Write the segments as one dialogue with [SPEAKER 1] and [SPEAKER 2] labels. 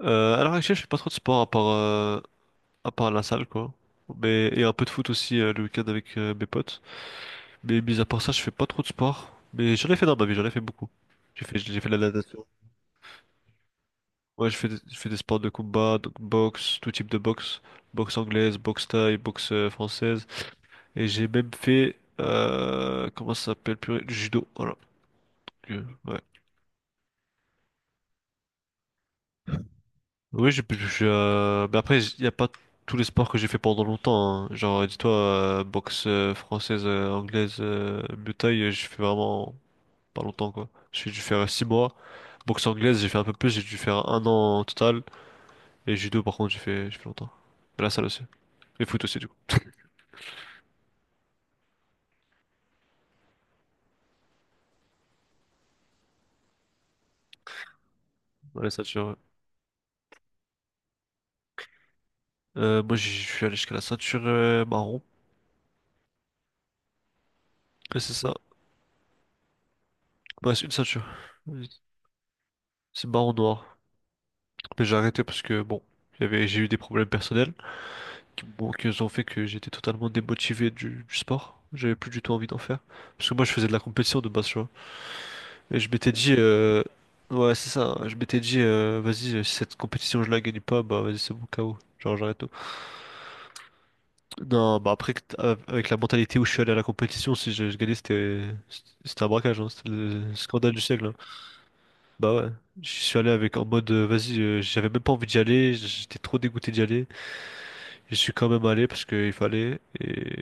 [SPEAKER 1] À l'heure actuelle, je fais pas trop de sport à part la salle, quoi. Mais, et un peu de foot aussi le week-end avec mes potes. Mais mis à part ça, je fais pas trop de sport. Mais j'en ai fait dans ma vie, j'en ai fait beaucoup. J'ai fait de la natation. Ouais, je fais des sports de combat, donc boxe, tout type de boxe. Boxe anglaise, boxe thaï, boxe française. Et j'ai même fait, comment ça s'appelle, purée, du judo. Voilà. Ouais. Oui, mais après, il n'y a pas tous les sports que j'ai fait pendant longtemps, hein. Genre, dis-toi, boxe française, anglaise, Muay Thai, j'ai fait vraiment pas longtemps, quoi. J'ai dû faire 6 mois. Boxe anglaise, j'ai fait un peu plus, j'ai dû faire 1 an en total. Et judo, par contre, j'ai fait longtemps. Et la salle aussi. Et foot aussi, du coup. Ouais, la ceinture, ouais. Moi, je suis allé jusqu'à la ceinture marron. Et c'est ça. Ouais, c'est une ceinture. Oui. C'est marron noir. Mais j'ai arrêté parce que, bon, j'ai eu des problèmes personnels, qui, bon, qui ont fait que j'étais totalement démotivé du sport. J'avais plus du tout envie d'en faire. Parce que moi, je faisais de la compétition de base, tu vois. Et je m'étais dit, ouais, c'est ça. Je m'étais dit, vas-y, si cette compétition, je la gagne pas, bah vas-y, c'est bon, KO. Genre, j'arrête tout. Non, bah après, avec la mentalité où je suis allé à la compétition, si je gagnais, c'était un braquage, hein. C'était le scandale du siècle, hein. Bah ouais, je suis allé avec en mode, vas-y, j'avais même pas envie d'y aller, j'étais trop dégoûté d'y aller. Je suis quand même allé parce qu'il fallait, et,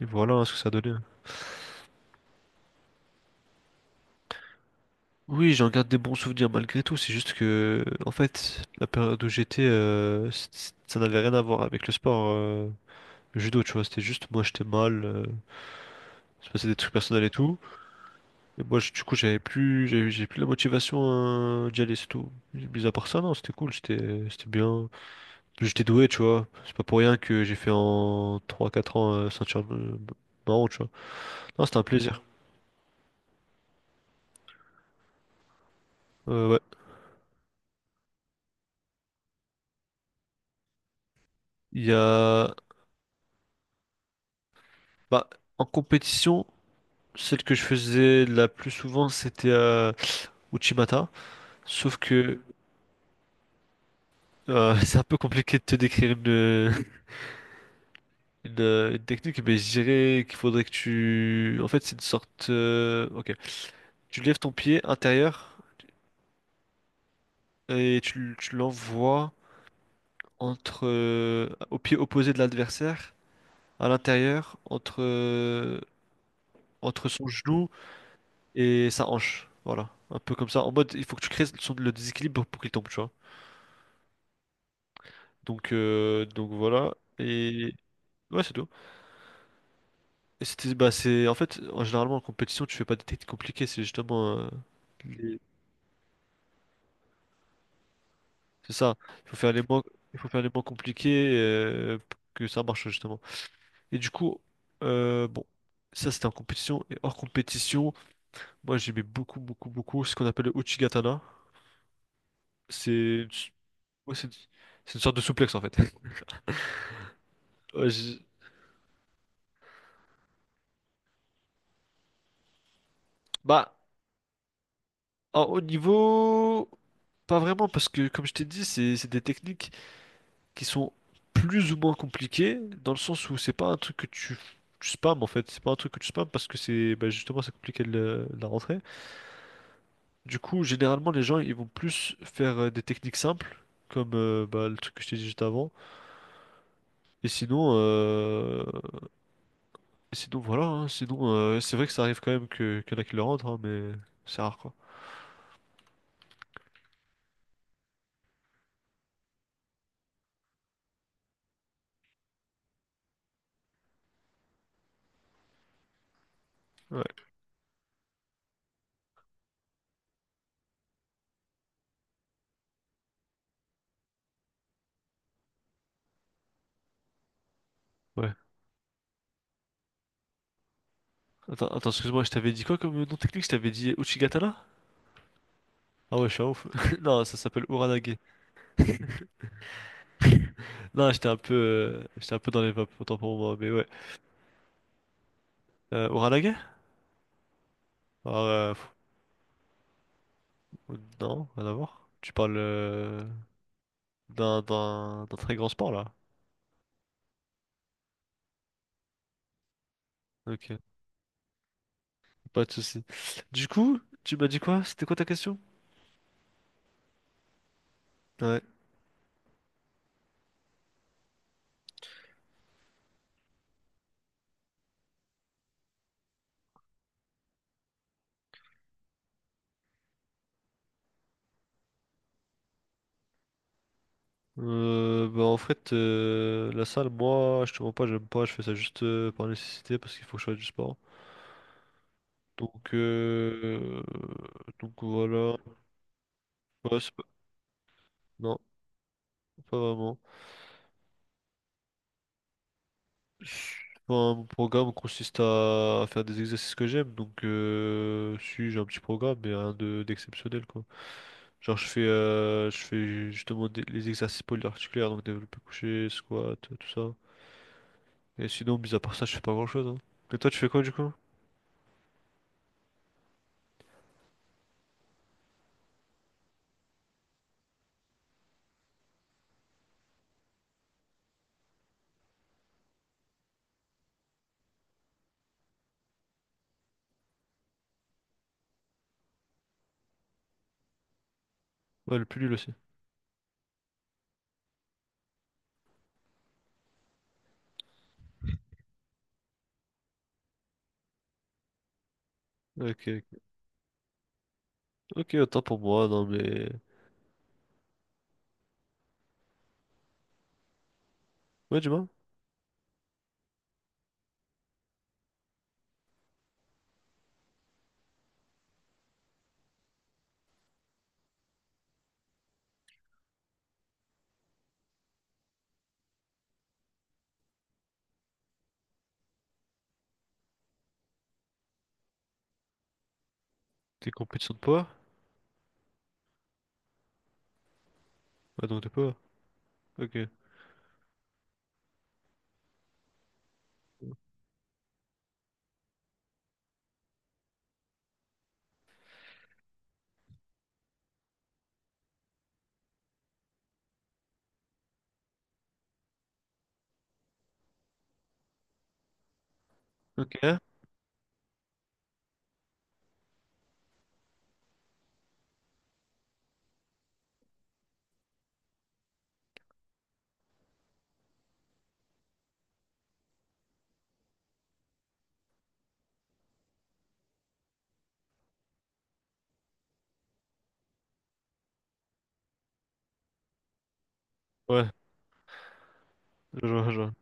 [SPEAKER 1] et voilà, hein, ce que ça a donné, hein. Oui, j'en garde des bons souvenirs malgré tout. C'est juste que, en fait, la période où j'étais, ça n'avait rien à voir avec le sport, le judo, tu vois. C'était juste moi, j'étais mal, il se passait des trucs personnels et tout. Et moi, du coup, j'ai plus la motivation, d'y aller, c'est tout. Mis à part ça, non, c'était cool, c'était bien. J'étais doué, tu vois. C'est pas pour rien que j'ai fait en 3, 4 ans, ceinture marron, tu vois. Non, c'était un plaisir. Ouais. Il y a, bah, en compétition. Celle que je faisais la plus souvent, c'était Uchimata. Sauf que c'est un peu compliqué de te décrire une, une technique, mais je dirais qu'il faudrait que tu... En fait, c'est une sorte. Ok. Tu lèves ton pied intérieur et tu l'envoies entre au pied opposé de l'adversaire, à l'intérieur, entre son genou et sa hanche. Voilà. Un peu comme ça. En mode, il faut que tu crées le déséquilibre pour qu'il tombe, tu vois. Donc, voilà. Et ouais, c'est tout. Et c'était, bah, c'est, en fait, en généralement, en compétition, tu fais pas des techniques compliquées, c'est justement. Les- C'est ça. Il faut faire les moins, il faut faire les moins compliqués pour que ça marche, justement. Et du coup, bon, ça c'était en compétition. Et hors compétition, moi j'aimais beaucoup, beaucoup, beaucoup ce qu'on appelle le Uchigatana. C'est une s- ouais, c'est une sorte de souplex, en fait. Ouais, Bah, en haut niveau, pas vraiment, parce que comme je t'ai dit, c'est des techniques, qui sont plus ou moins compliqués, dans le sens où c'est pas un truc que tu spammes en fait, c'est pas un truc que tu spammes parce que c'est bah, justement c'est compliqué de la rentrée. Du coup, généralement les gens ils vont plus faire des techniques simples, comme bah, le truc que je t'ai dit juste avant. Et sinon, euh, et sinon, voilà, hein. Sinon c'est vrai que ça arrive quand même que qu'il y en a qui le rentrent, hein, mais c'est rare, quoi. Ouais, ouais. Attends, attends, excuse-moi, je t'avais dit quoi comme nom technique? Je t'avais dit Uchigatana? Ah ouais, je suis un ouf. Non, ça s'appelle Uranage. Non, j'étais un peu dans les vapes, autant pour moi, mais ouais. Uralaga? Alors, non, rien à voir. Tu parles d'un très grand sport, là. Ok, pas de souci. Du coup, tu m'as dit quoi? C'était quoi ta question? Ouais. Bah en fait, la salle, moi, je te mens pas, j'aime pas, je fais ça juste par nécessité, parce qu'il faut que je fasse du sport. Donc, voilà. Ouais, c'est pas- non, pas vraiment. Enfin, mon programme consiste à faire des exercices que j'aime, donc si j'ai un petit programme, mais rien de d'exceptionnel quoi. Genre je fais justement les exercices polyarticulaires, donc développé couché, squat, tout ça. Et sinon, mis à part ça, je fais pas grand-chose, hein. Et toi, tu fais quoi du coup? Ouais, le plus nul aussi. Ok, ok, ok, autant pour moi, non mais. Ouais, dis-moi, t'es compétition de poids? Ouais, donc de poids, ok. Ok, ouais, je vois, je vois.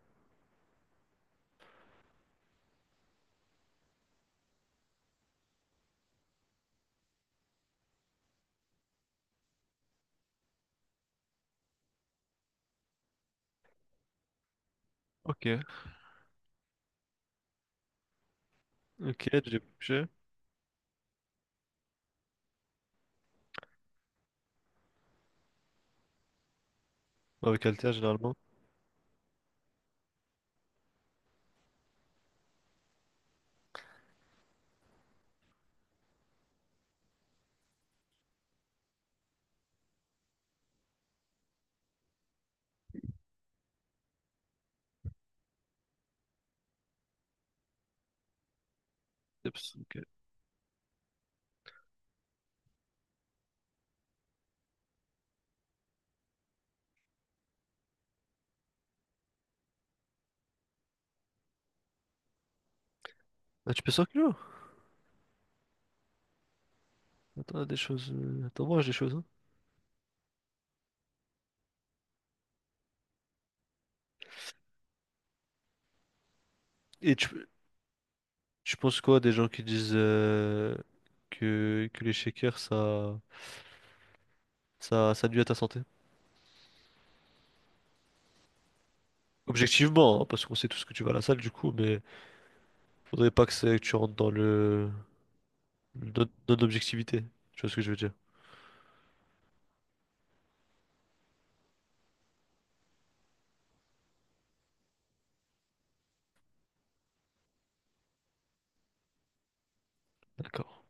[SPEAKER 1] Ok, ok, j'ai couché. Avec haltère généralement. Yep. Ah, tu peux s'inclure? Attends, des choses, attends, mange des choses, hein. Et tu penses quoi des gens qui disent que les shakers ça, ça nuit à ta santé? Objectivement, hein, parce qu'on sait tous que tu vas à la salle du coup, mais faudrait pas que, que tu rentres dans le non-objectivité. Tu vois ce que je veux dire? D'accord.